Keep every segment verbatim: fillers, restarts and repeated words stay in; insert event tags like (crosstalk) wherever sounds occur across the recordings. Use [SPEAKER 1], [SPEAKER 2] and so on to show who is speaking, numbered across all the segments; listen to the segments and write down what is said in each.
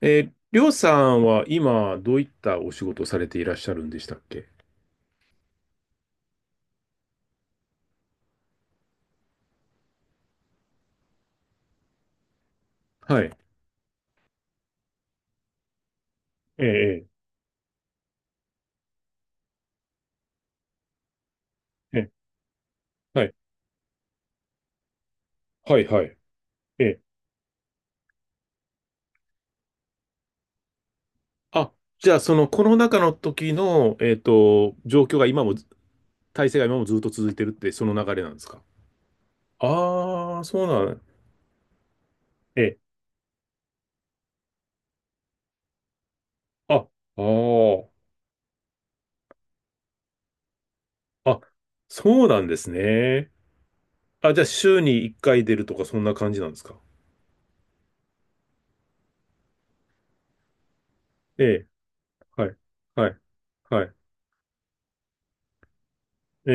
[SPEAKER 1] えー、りょうさんは今どういったお仕事をされていらっしゃるんでしたっけ？はい。ええ、ええ、ええ、はい、はい、はい。ええ。あ、じゃあそのコロナ禍の時の、えっと、状況が今も、体制が今もずっと続いてるって、その流れなんですか？ああー、そうなん、ええ。あ、あー、あ、そうなんですね。あ、じゃあ週にいっかい出るとかそんな感じなんですか？ええ、はい、はい、はい。え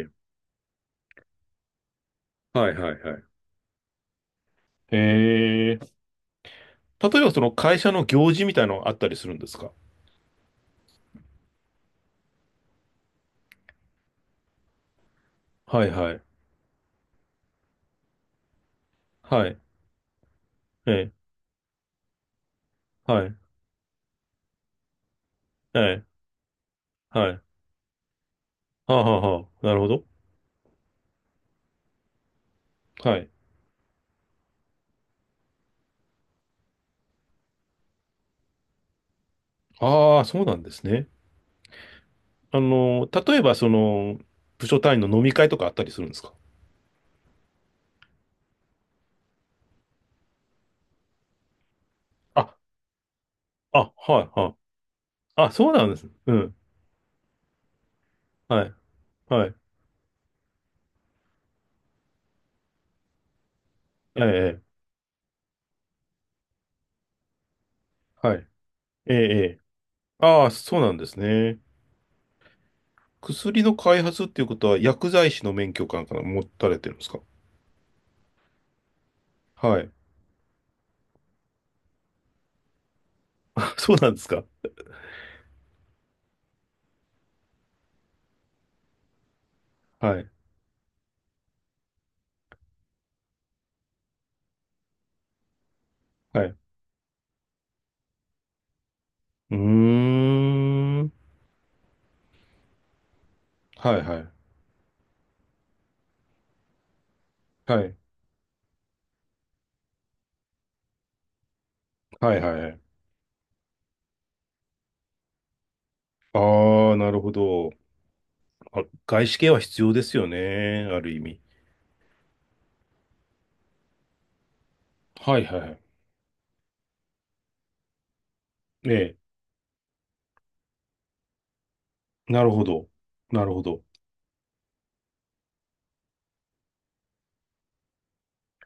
[SPEAKER 1] え、ええ、はい、はい、はい。え例えばその会社の行事みたいなのがあったりするんですか？はいはい。はい。ええ。はい。ええ。はい。はあ、はあはあ、なるほど。はい。ああ、そうなんですね。あの、例えばその、部署単位の飲み会とかあったりするんですか？あ、あ、はいはい。あ、そうなんですね。うん。はい。はい。ええ、ええ、はい。ええ、ええ。ああ、そうなんですね。薬の開発っていうことは薬剤師の免許かなんか持たれてるんですか？はい。(laughs) あ、そうなんですか。はい。はい。うーん。はいはい。はい。はいはいはい。ああ、なるほど。あ、外資系は必要ですよね。ある意味。はいはいはい。ええ。なるほど。なるほど。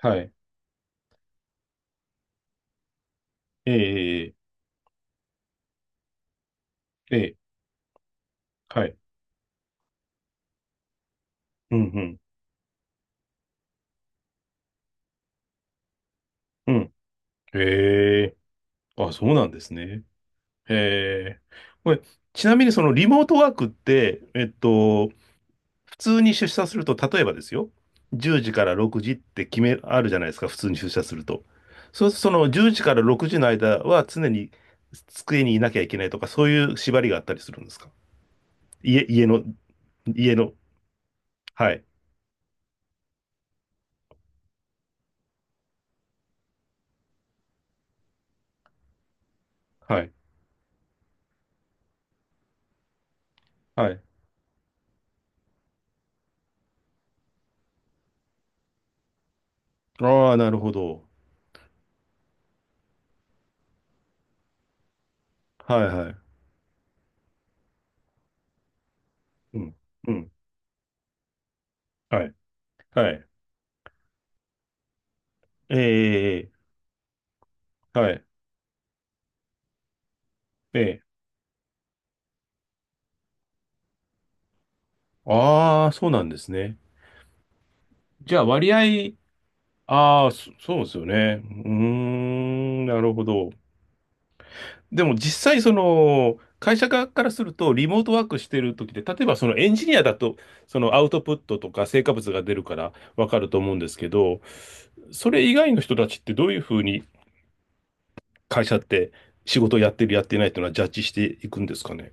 [SPEAKER 1] はい。ええ、ええ、ええ。はい。うんうん。うん。ええ。あ、そうなんですね。ええ。これ、ちなみにそのリモートワークって、えっと、普通に出社すると、例えばですよ、じゅうじからろくじって決め、あるじゃないですか、普通に出社すると。そうすると、そのじゅうじからろくじの間は常に机にいなきゃいけないとか、そういう縛りがあったりするんですか？家、家の、家の、はい、はい、はい。ああ、なるほど。はい、はい。うん、うん、はい、はい。ええ、はい、ええ。ああ、そうなんですね。じゃあ、割合、ああ、そそうですよね。うーん、なるほど。でも実際その会社側からするとリモートワークしてる時で、例えばそのエンジニアだとそのアウトプットとか成果物が出るからわかると思うんですけど、それ以外の人たちってどういうふうに会社って仕事をやってるやってないっていうのはジャッジしていくんですかね。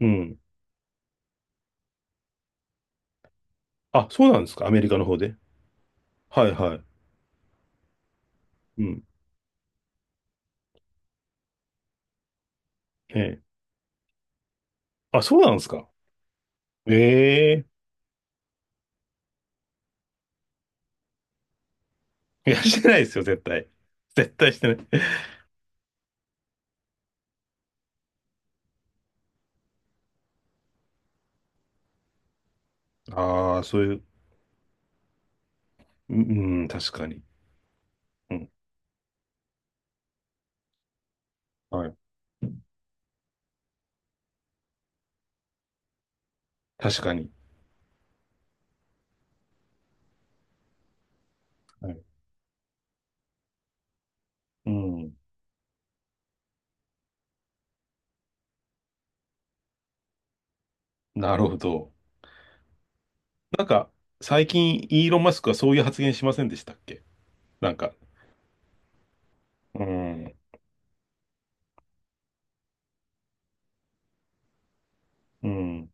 [SPEAKER 1] うん。あ、そうなんですか。アメリカの方で。はいはい。うん。ええ。あ、そうなんですか。ええ。いや、してないですよ、絶対。絶対してない。ああ、そういう、うん、うん、確かに。うん。はい。確かに。はい、うん。なるほど。なんか、最近、イーロン・マスクはそういう発言しませんでしたっけ？なんか、うん、うん。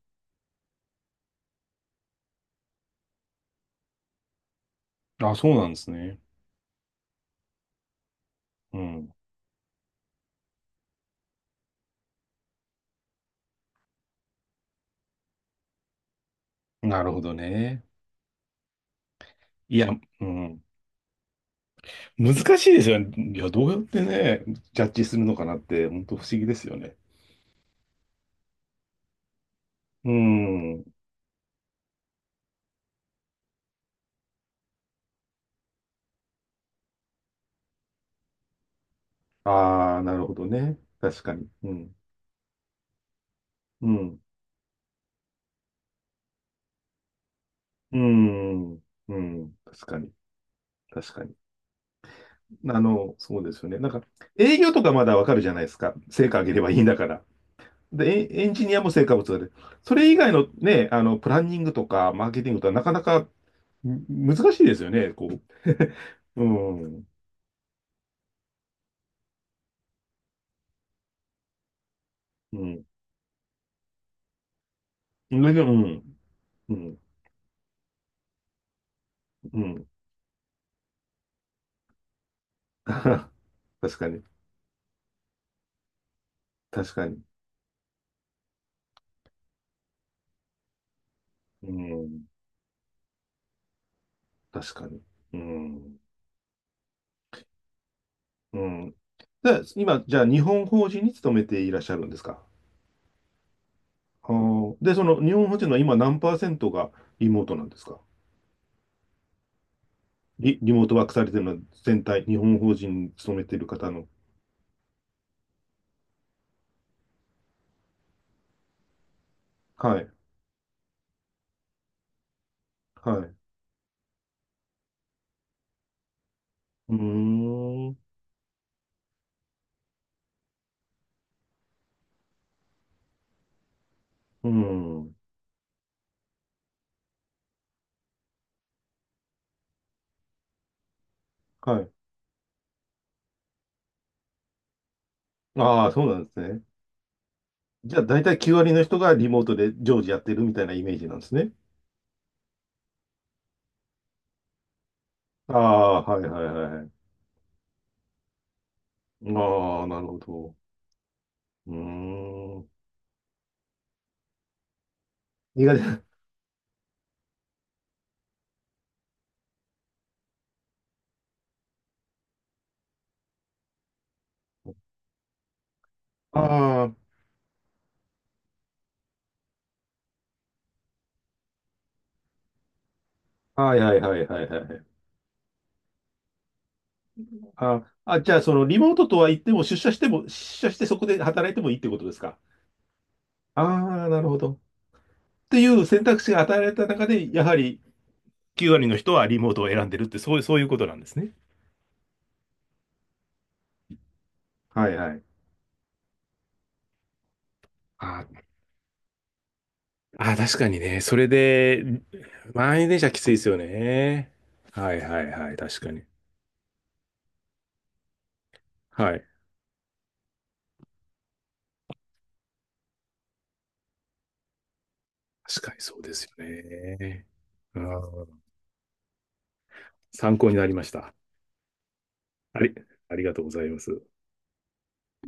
[SPEAKER 1] あ、そうなんですね。うん。なるほどね。いや、うん。難しいですよね。いや、どうやってね、ジャッジするのかなって、本当不思議ですよね。うん。ああ、なるほどね。確かに。うん。うん。うん。うん。確かに。確かに。あの、そうですよね。なんか、営業とかまだわかるじゃないですか。成果上げればいいんだから。で、エンエンジニアも成果物が出る。それ以外のね、あの、プランニングとか、マーケティングとか、なかなかむ難しいですよね、こう。(laughs) うん、うん。うん、うん、うん。うん。 (laughs) 確かに、確かに。うん、確かに。うん、うん。で、今、じゃあ、日本法人に勤めていらっしゃるんですか？あーで、その日本法人の今何パーセントがリモートなんですか？リ、リモートワークされてるのは全体、日本法人に勤めてる方の。はいはい。うーん。うん。はい。ああ、そうなんですね。じゃあ、大体きゅう割の人がリモートで常時やってるみたいなイメージなんですね。ああ、はいはいはいはい。ああ、なるほど。うーん。苦手な。(laughs) ああ、はいはいはいはいはい。ああ、じゃあ、そのリモートとは言っても、出社しても、出社してそこで働いてもいいってことですか。ああ、なるほど。っていう選択肢が与えられた中で、やはりきゅう割の人はリモートを選んでるって、そういう、そういうことなんですね。はいはい。あ、ああ、確かにね。それで、満員電車きついですよね。はいはいはい。確かに。はい。確かにそうですよね。うん、参考になりました。あり、ありがとうございます。